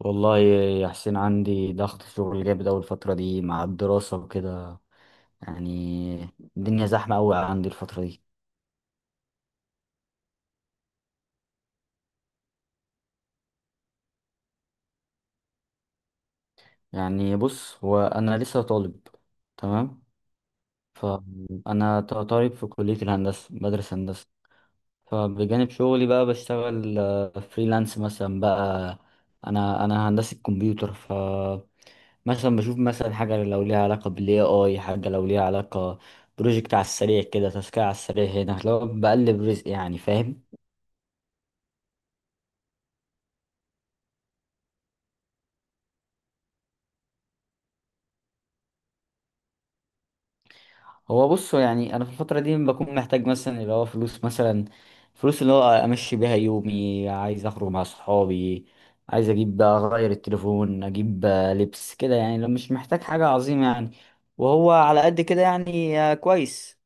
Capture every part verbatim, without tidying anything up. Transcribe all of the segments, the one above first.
والله يا حسين عندي ضغط شغل جامد أوي الفترة دي مع الدراسة وكده. يعني الدنيا زحمة أوي عندي الفترة دي. يعني بص، هو أنا لسه طالب. تمام. فأنا ط- طالب في كلية الهندسة، بدرس هندسة. فبجانب شغلي بقى بشتغل آه، فريلانس مثلا بقى. أنا أنا هندسة كمبيوتر. مثلا بشوف مثلا حاجة لو ليها علاقة بالاي اي حاجة لو ليها علاقة بروجكت على السريع كده، تاسكية على السريع، هنا لو بقلب رزق، يعني فاهم. هو بص، يعني انا في الفترة دي بكون محتاج مثلا اللي هو فلوس مثلا، فلوس اللي هو امشي بيها يومي. عايز اخرج مع صحابي، عايز اجيب بقى اغير التليفون، اجيب بقى لبس كده، يعني لو مش محتاج حاجة عظيمة يعني، وهو على قد كده يعني. آه، كويس.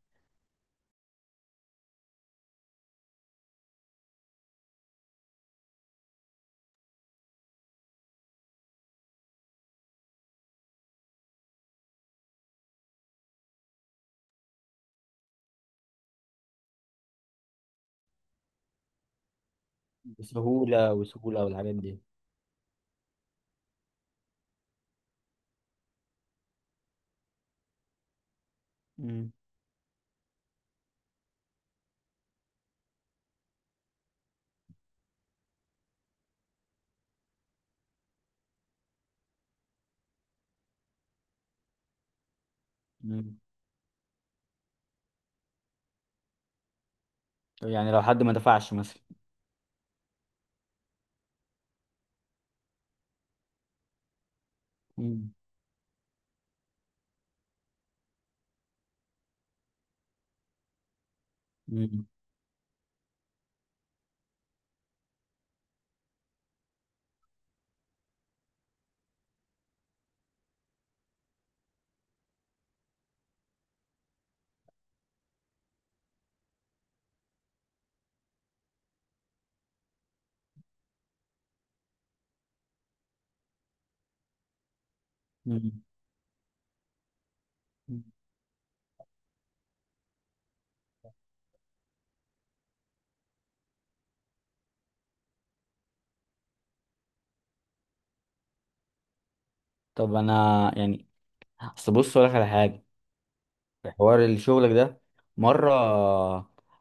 بسهولة وسهولة والحاجات دي. مم. مم. يعني لو حد ما دفعش مثلا. مم. مم. طب انا يعني، اصل بص اقول لك على حاجه، في حوار الشغل ده مره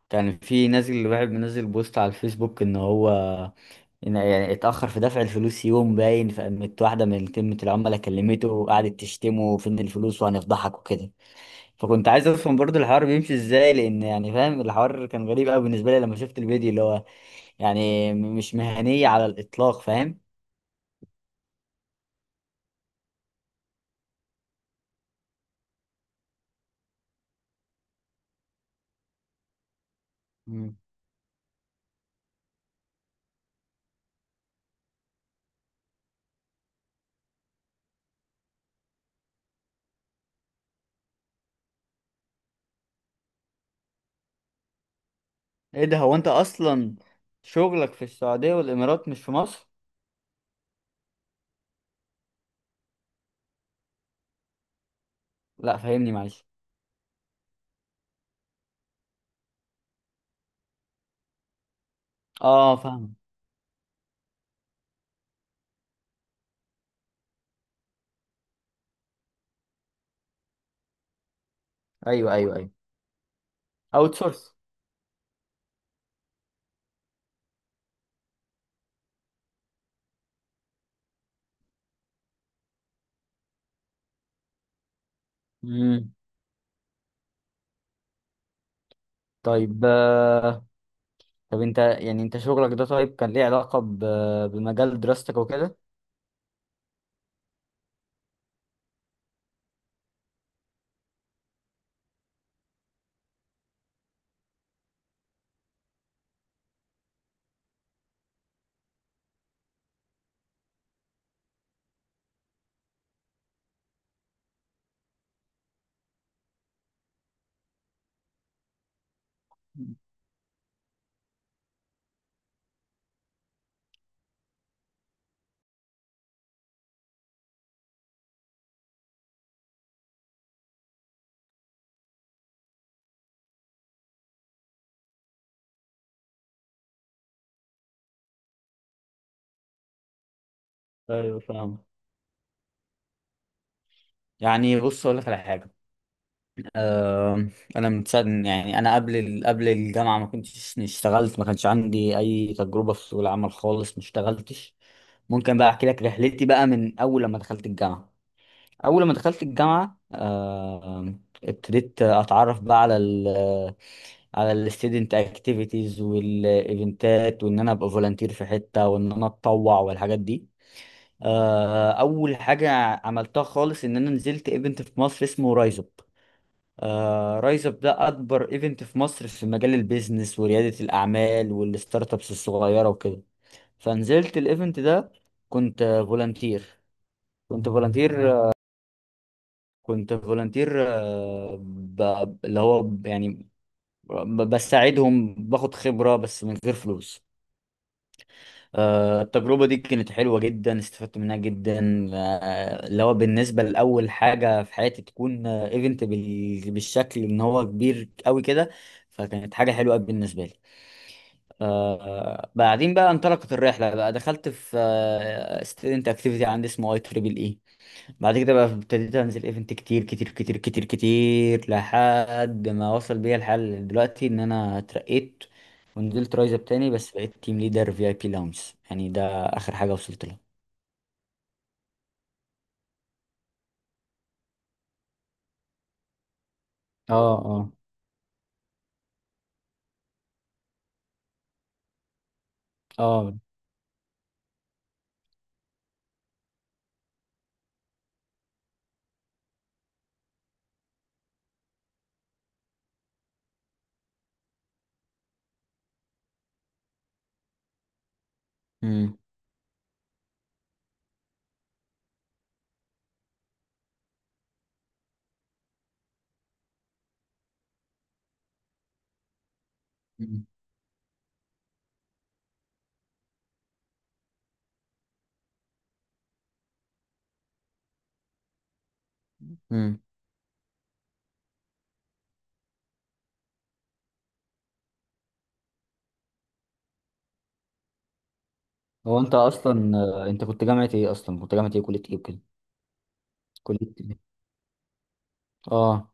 كان في نازل واحد منزل بوست على الفيسبوك ان هو، إن يعني اتاخر في دفع الفلوس يوم باين، فقامت واحده من خدمه العملاء كلمته وقعدت تشتمه فين الفلوس وهنفضحك وكده. فكنت عايز افهم برضو الحوار بيمشي ازاي، لان يعني فاهم الحوار كان غريب قوي بالنسبه لي لما شفت الفيديو، اللي هو يعني مش مهنيه على الاطلاق، فاهم. ايه ده، هو انت اصلا شغلك في السعودية والامارات مش في مصر؟ لا فهمني معلش. اه، فاهم. ايوه ايوه ايوه. اوت سورس. امم. طيب. آه، طب انت يعني انت شغلك ده طيب كان ليه علاقة ب- بمجال دراستك وكده؟ ايوه فاهم. يعني بص اقول لك على حاجه. أه، انا من ساعه، يعني انا قبل ال- قبل الجامعه ما كنتش اشتغلت، ما كانش عندي اي تجربه في سوق العمل خالص، ما اشتغلتش. ممكن بقى احكي لك رحلتي بقى من اول لما دخلت الجامعه. اول ما دخلت الجامعه آه، ابتديت اتعرف بقى على ال على الستودنت اكتيفيتيز والايفنتات، وان انا ابقى فولunteer في حته، وان انا اتطوع والحاجات دي. آه، اول حاجه عملتها خالص ان انا نزلت ايفنت في مصر اسمه رايز اب. رايز اب ده اكبر ايفنت في مصر في مجال البيزنس ورياده الاعمال والستارت ابس الصغيره وكده. فنزلت الايفنت ده، كنت فولunteer، كنت فولunteer كنت فولنتير، آه، ب- اللي هو ب- يعني ب- بساعدهم باخد خبرة بس من غير فلوس. آه، التجربة دي كانت حلوة جدا، استفدت منها جدا. آه، اللي هو بالنسبة لأول حاجة في حياتي تكون ايفنت بالشكل ان هو كبير قوي كده، فكانت حاجة حلوة أوي بالنسبة لي. آه، بعدين بقى انطلقت الرحلة، بقى دخلت في ستودنت اكتيفيتي عندي اسمه اي تريبل اي. بعد كده بقى ابتديت انزل ايفنت كتير كتير كتير كتير كتير، لحد ما وصل بيا الحال دلوقتي ان انا اترقيت ونزلت رايز اب تاني، بس بقيت تيم ليدر في اي بي لاونج. يعني ده اخر حاجه وصلت لها. اه اه اه. امم. مم. امم. هو انت اصلا آه، انت كنت جامعة ايه اصلا، كنت جامعة ايه كلية ايه وكده؟ كليه ايه؟ اه.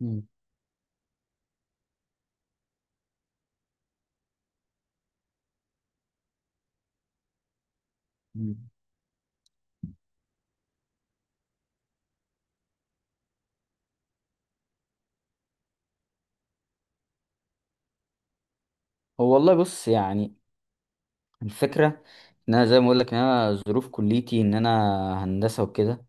مم. مم. هو والله بص يعني، الفكره ان انا زي ما اقول لك ان انا ظروف كليتي ان انا هندسه وكده.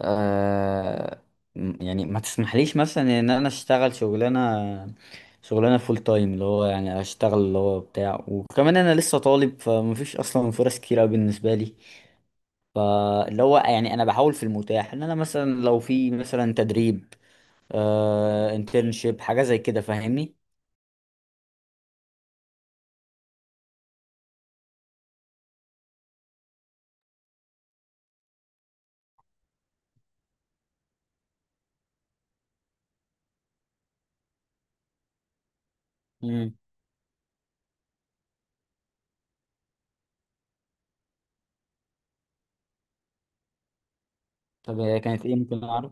آه، م- يعني ما تسمحليش مثلا ان انا اشتغل شغلانه، شغلانه فول تايم اللي هو يعني اشتغل اللي هو بتاع، وكمان انا لسه طالب، فمفيش اصلا فرص كتير أوي بالنسبه لي. فاللي هو يعني انا بحاول في المتاح ان انا مثلا لو في مثلا تدريب، آه، انترنشيب حاجه زي كده، فاهمني. امم. طب هي كانت ايه، ممكن اعرف؟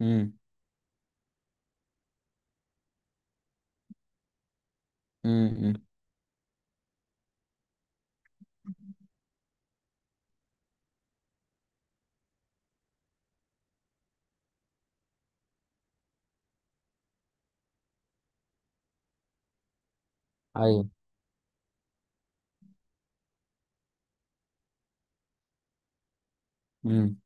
امم. امم. ايوه. امم.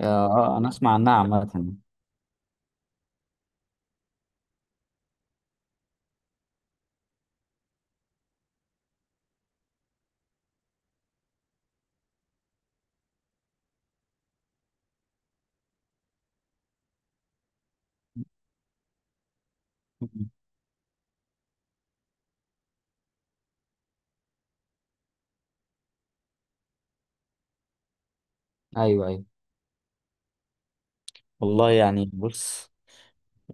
آه. آه، انا اسمع عنها عامه. مم. ايوه ايوه. والله يعني بص،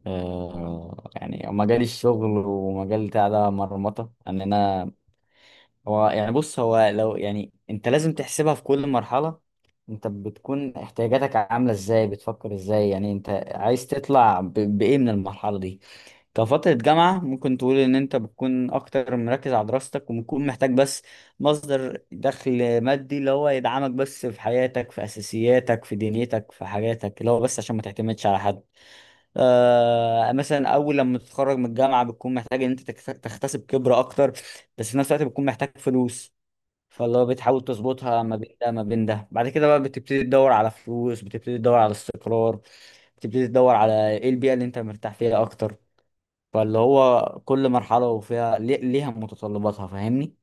آه، يعني مجال الشغل ومجال بتاع ده مرمطة ان انا، هو يعني بص، هو لو يعني انت لازم تحسبها في كل مرحلة. انت بتكون احتياجاتك عاملة ازاي، بتفكر ازاي، يعني انت عايز تطلع ب- بايه من المرحلة دي. كفترة جامعة ممكن تقول ان انت بتكون اكتر مركز على دراستك، وبتكون محتاج بس مصدر دخل مادي اللي هو يدعمك بس في حياتك، في اساسياتك، في دنيتك، في حاجاتك، اللي هو بس عشان ما تعتمدش على حد. آه، مثلا اول لما تتخرج من الجامعه بتكون محتاج ان انت تكت- تكتسب خبره اكتر، بس في نفس الوقت بتكون محتاج فلوس. فاللي هو بتحاول تظبطها ما بين ده ما بين ده. بعد كده بقى بتبتدي تدور على فلوس، بتبتدي تدور على استقرار، بتبتدي تدور على ايه البيئه اللي انت مرتاح فيها اكتر. فاللي هو كل مرحله وفيها لي- ليها متطلباتها، فاهمني.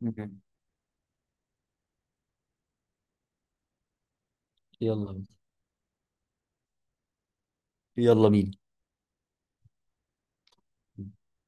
مم. يلا بينا. يلا بينا.